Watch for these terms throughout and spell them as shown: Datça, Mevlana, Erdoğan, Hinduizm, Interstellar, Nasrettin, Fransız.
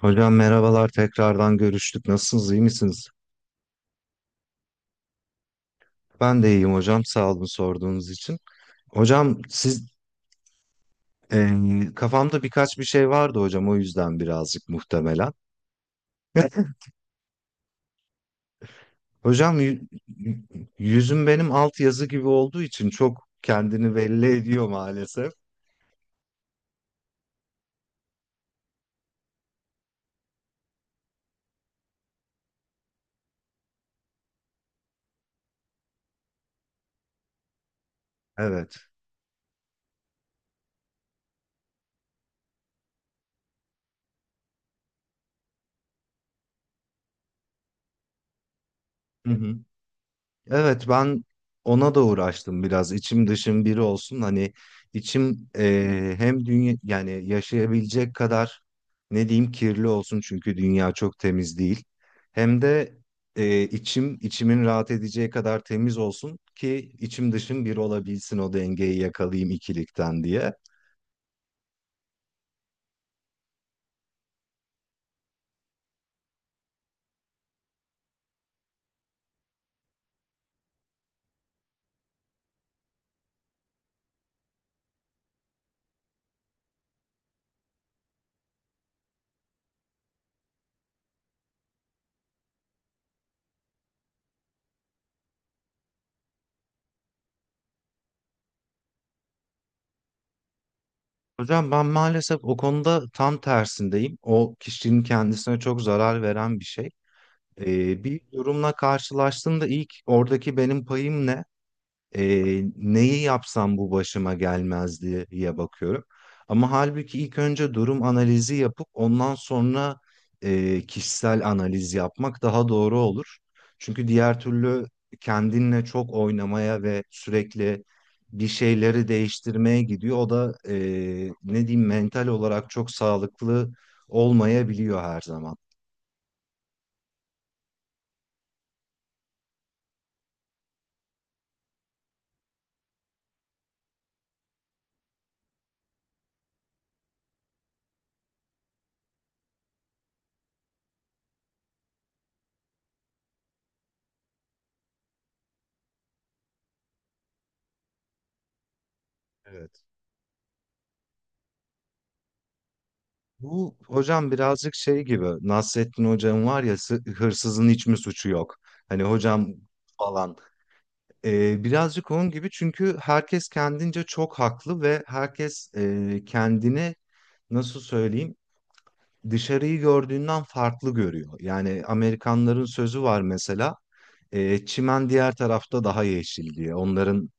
Hocam merhabalar tekrardan görüştük. Nasılsınız, iyi misiniz? Ben de iyiyim hocam. Sağ olun sorduğunuz için. Hocam siz e, kafamda birkaç bir şey vardı hocam, o yüzden birazcık muhtemelen. Hocam y- yüzüm benim alt yazı gibi olduğu için çok kendini belli ediyor maalesef. Evet. Hı hı. Evet, ben ona da uğraştım biraz, içim dışım biri olsun, hani içim hem dünya yani yaşayabilecek kadar, ne diyeyim, kirli olsun çünkü dünya çok temiz değil, hem de içim içimin rahat edeceği kadar temiz olsun ki içim dışım bir olabilsin, o dengeyi yakalayayım ikilikten diye. Hocam ben maalesef o konuda tam tersindeyim, o kişinin kendisine çok zarar veren bir şey. Bir durumla karşılaştığımda ilk oradaki benim payım ne? Neyi yapsam bu başıma gelmez diye bakıyorum. Ama halbuki ilk önce durum analizi yapıp ondan sonra kişisel analiz yapmak daha doğru olur. Çünkü diğer türlü kendinle çok oynamaya ve sürekli bir şeyleri değiştirmeye gidiyor. O da ne diyeyim, mental olarak çok sağlıklı olmayabiliyor her zaman. Evet. Bu hocam birazcık şey gibi, Nasrettin hocam var ya, hırsızın hiç mi suçu yok? Hani hocam falan. Birazcık onun gibi, çünkü herkes kendince çok haklı ve herkes kendini, nasıl söyleyeyim, dışarıyı gördüğünden farklı görüyor. Yani Amerikanların sözü var mesela, çimen diğer tarafta daha yeşil diye. Onların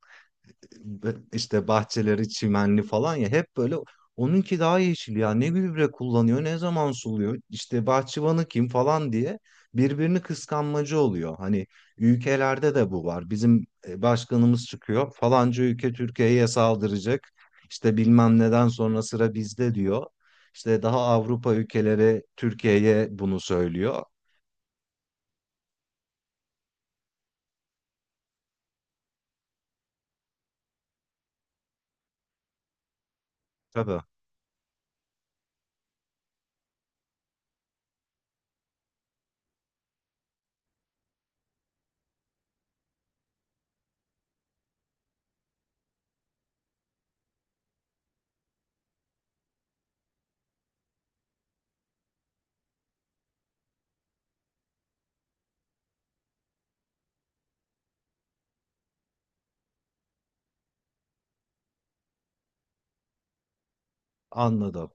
işte bahçeleri çimenli falan ya, hep böyle onunki daha yeşil, ya ne gübre kullanıyor, ne zaman suluyor, işte bahçıvanı kim falan diye birbirini kıskanmacı oluyor. Hani ülkelerde de bu var, bizim başkanımız çıkıyor, falanca ülke Türkiye'ye saldıracak, işte bilmem neden sonra sıra bizde diyor. İşte daha Avrupa ülkeleri Türkiye'ye bunu söylüyor. Tabii, anladım.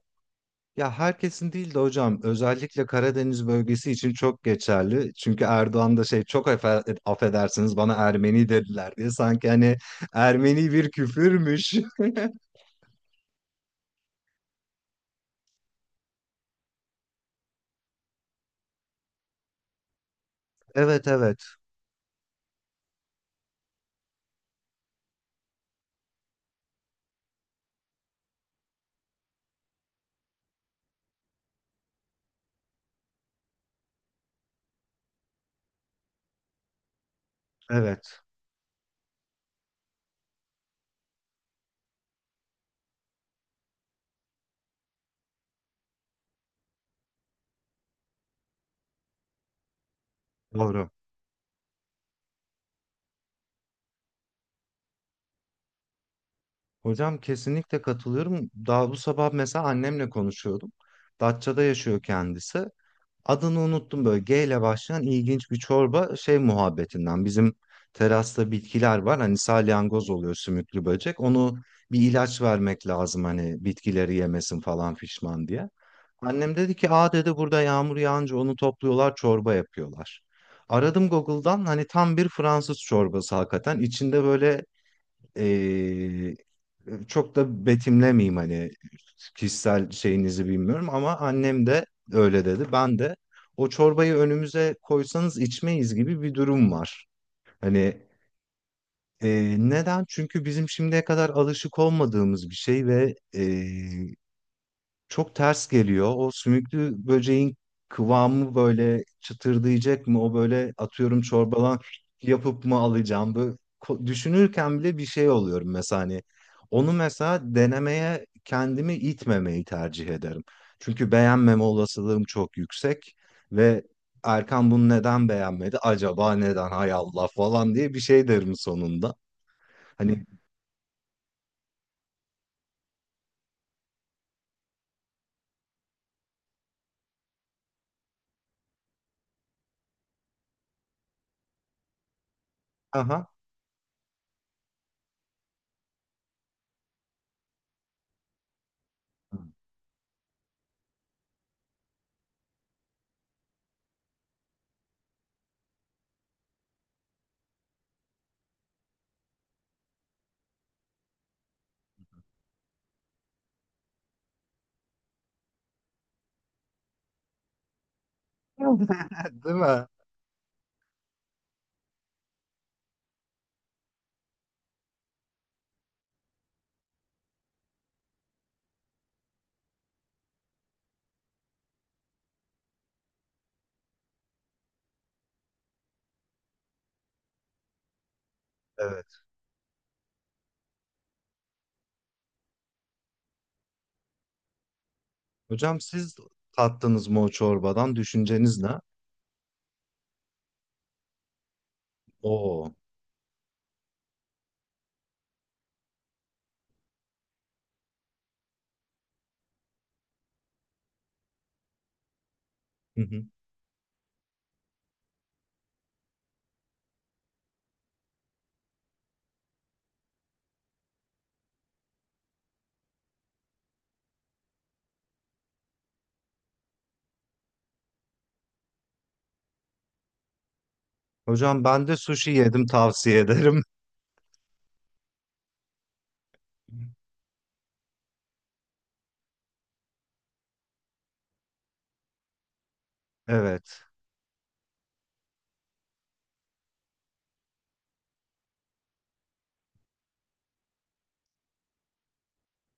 Ya herkesin değil de hocam, özellikle Karadeniz bölgesi için çok geçerli. Çünkü Erdoğan da şey, çok affedersiniz, bana Ermeni dediler diye, sanki hani Ermeni bir küfürmüş. Evet evet, evet doğru. Hocam kesinlikle katılıyorum. Daha bu sabah mesela annemle konuşuyordum. Datça'da yaşıyor kendisi. Adını unuttum, böyle G ile başlayan ilginç bir çorba şey muhabbetinden. Bizim terasta bitkiler var. Hani salyangoz oluyor, sümüklü böcek. Onu bir ilaç vermek lazım hani, bitkileri yemesin falan fişman diye. Annem dedi ki, aa dedi, burada yağmur yağınca onu topluyorlar, çorba yapıyorlar. Aradım Google'dan, hani tam bir Fransız çorbası hakikaten. İçinde böyle, çok da betimlemeyeyim, hani kişisel şeyinizi bilmiyorum, ama annem de öyle dedi. Ben de, o çorbayı önümüze koysanız içmeyiz gibi bir durum var. Hani neden? Çünkü bizim şimdiye kadar alışık olmadığımız bir şey ve çok ters geliyor. O sümüklü böceğin kıvamı böyle çıtırdayacak mı? O böyle atıyorum çorbadan yapıp mı alacağım? Böyle düşünürken bile bir şey oluyorum mesela hani. Onu mesela denemeye kendimi itmemeyi tercih ederim. Çünkü beğenmeme olasılığım çok yüksek ve Erkan bunu neden beğenmedi? Acaba neden? Hay Allah falan diye bir şey derim sonunda. Hani aha. Değil mi? Hocam siz tattınız mı o çorbadan? Düşünceniz ne? Oo. Hı hı. Hocam ben de sushi yedim, tavsiye ederim. Evet.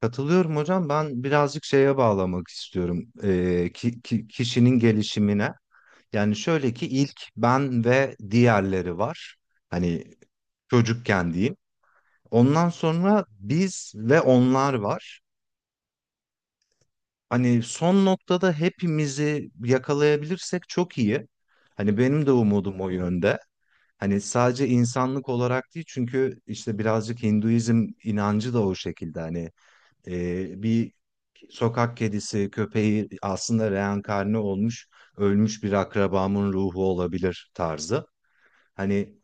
Katılıyorum hocam. Ben birazcık şeye bağlamak istiyorum. Kişinin gelişimine. Yani şöyle ki, ilk ben ve diğerleri var. Hani çocukken diyeyim. Ondan sonra biz ve onlar var. Hani son noktada hepimizi yakalayabilirsek çok iyi. Hani benim de umudum o yönde. Hani sadece insanlık olarak değil, çünkü işte birazcık Hinduizm inancı da o şekilde, hani bir sokak kedisi köpeği aslında reenkarne olmuş, ölmüş bir akrabamın ruhu olabilir tarzı. Hani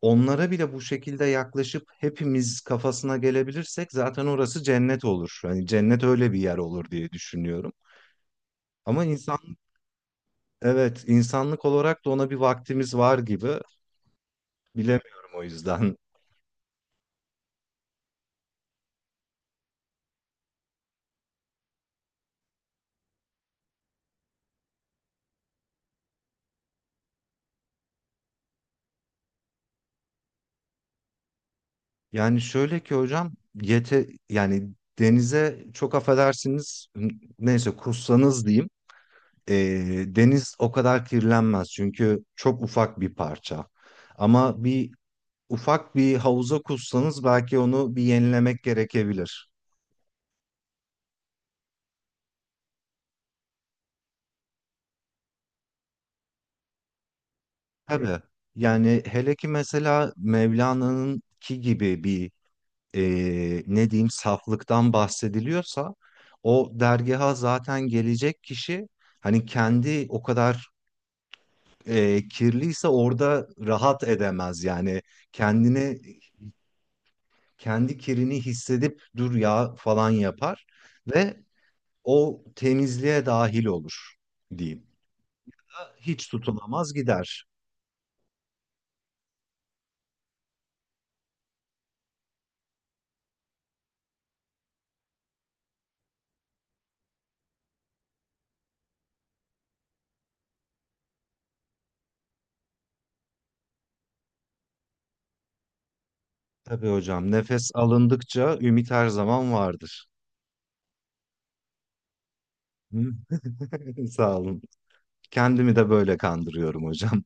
onlara bile bu şekilde yaklaşıp hepimiz kafasına gelebilirsek zaten orası cennet olur. Hani cennet öyle bir yer olur diye düşünüyorum. Ama insan, evet, insanlık olarak da ona bir vaktimiz var gibi, bilemiyorum o yüzden. Yani şöyle ki hocam, yete yani, denize, çok affedersiniz, neyse kussanız diyeyim, e, deniz o kadar kirlenmez çünkü çok ufak bir parça. Ama bir ufak bir havuza kussanız belki onu bir yenilemek gerekebilir. Tabii, yani hele ki mesela Mevlana'nın ki gibi bir, ne diyeyim, saflıktan bahsediliyorsa, o dergaha zaten gelecek kişi, hani kendi o kadar kirliyse orada rahat edemez yani, kendini, kendi kirini hissedip dur ya falan yapar ve o temizliğe dahil olur diyeyim. Hiç tutunamaz gider. Tabii hocam, nefes alındıkça ümit her zaman vardır. Hı? Sağ olun. Kendimi de böyle kandırıyorum hocam.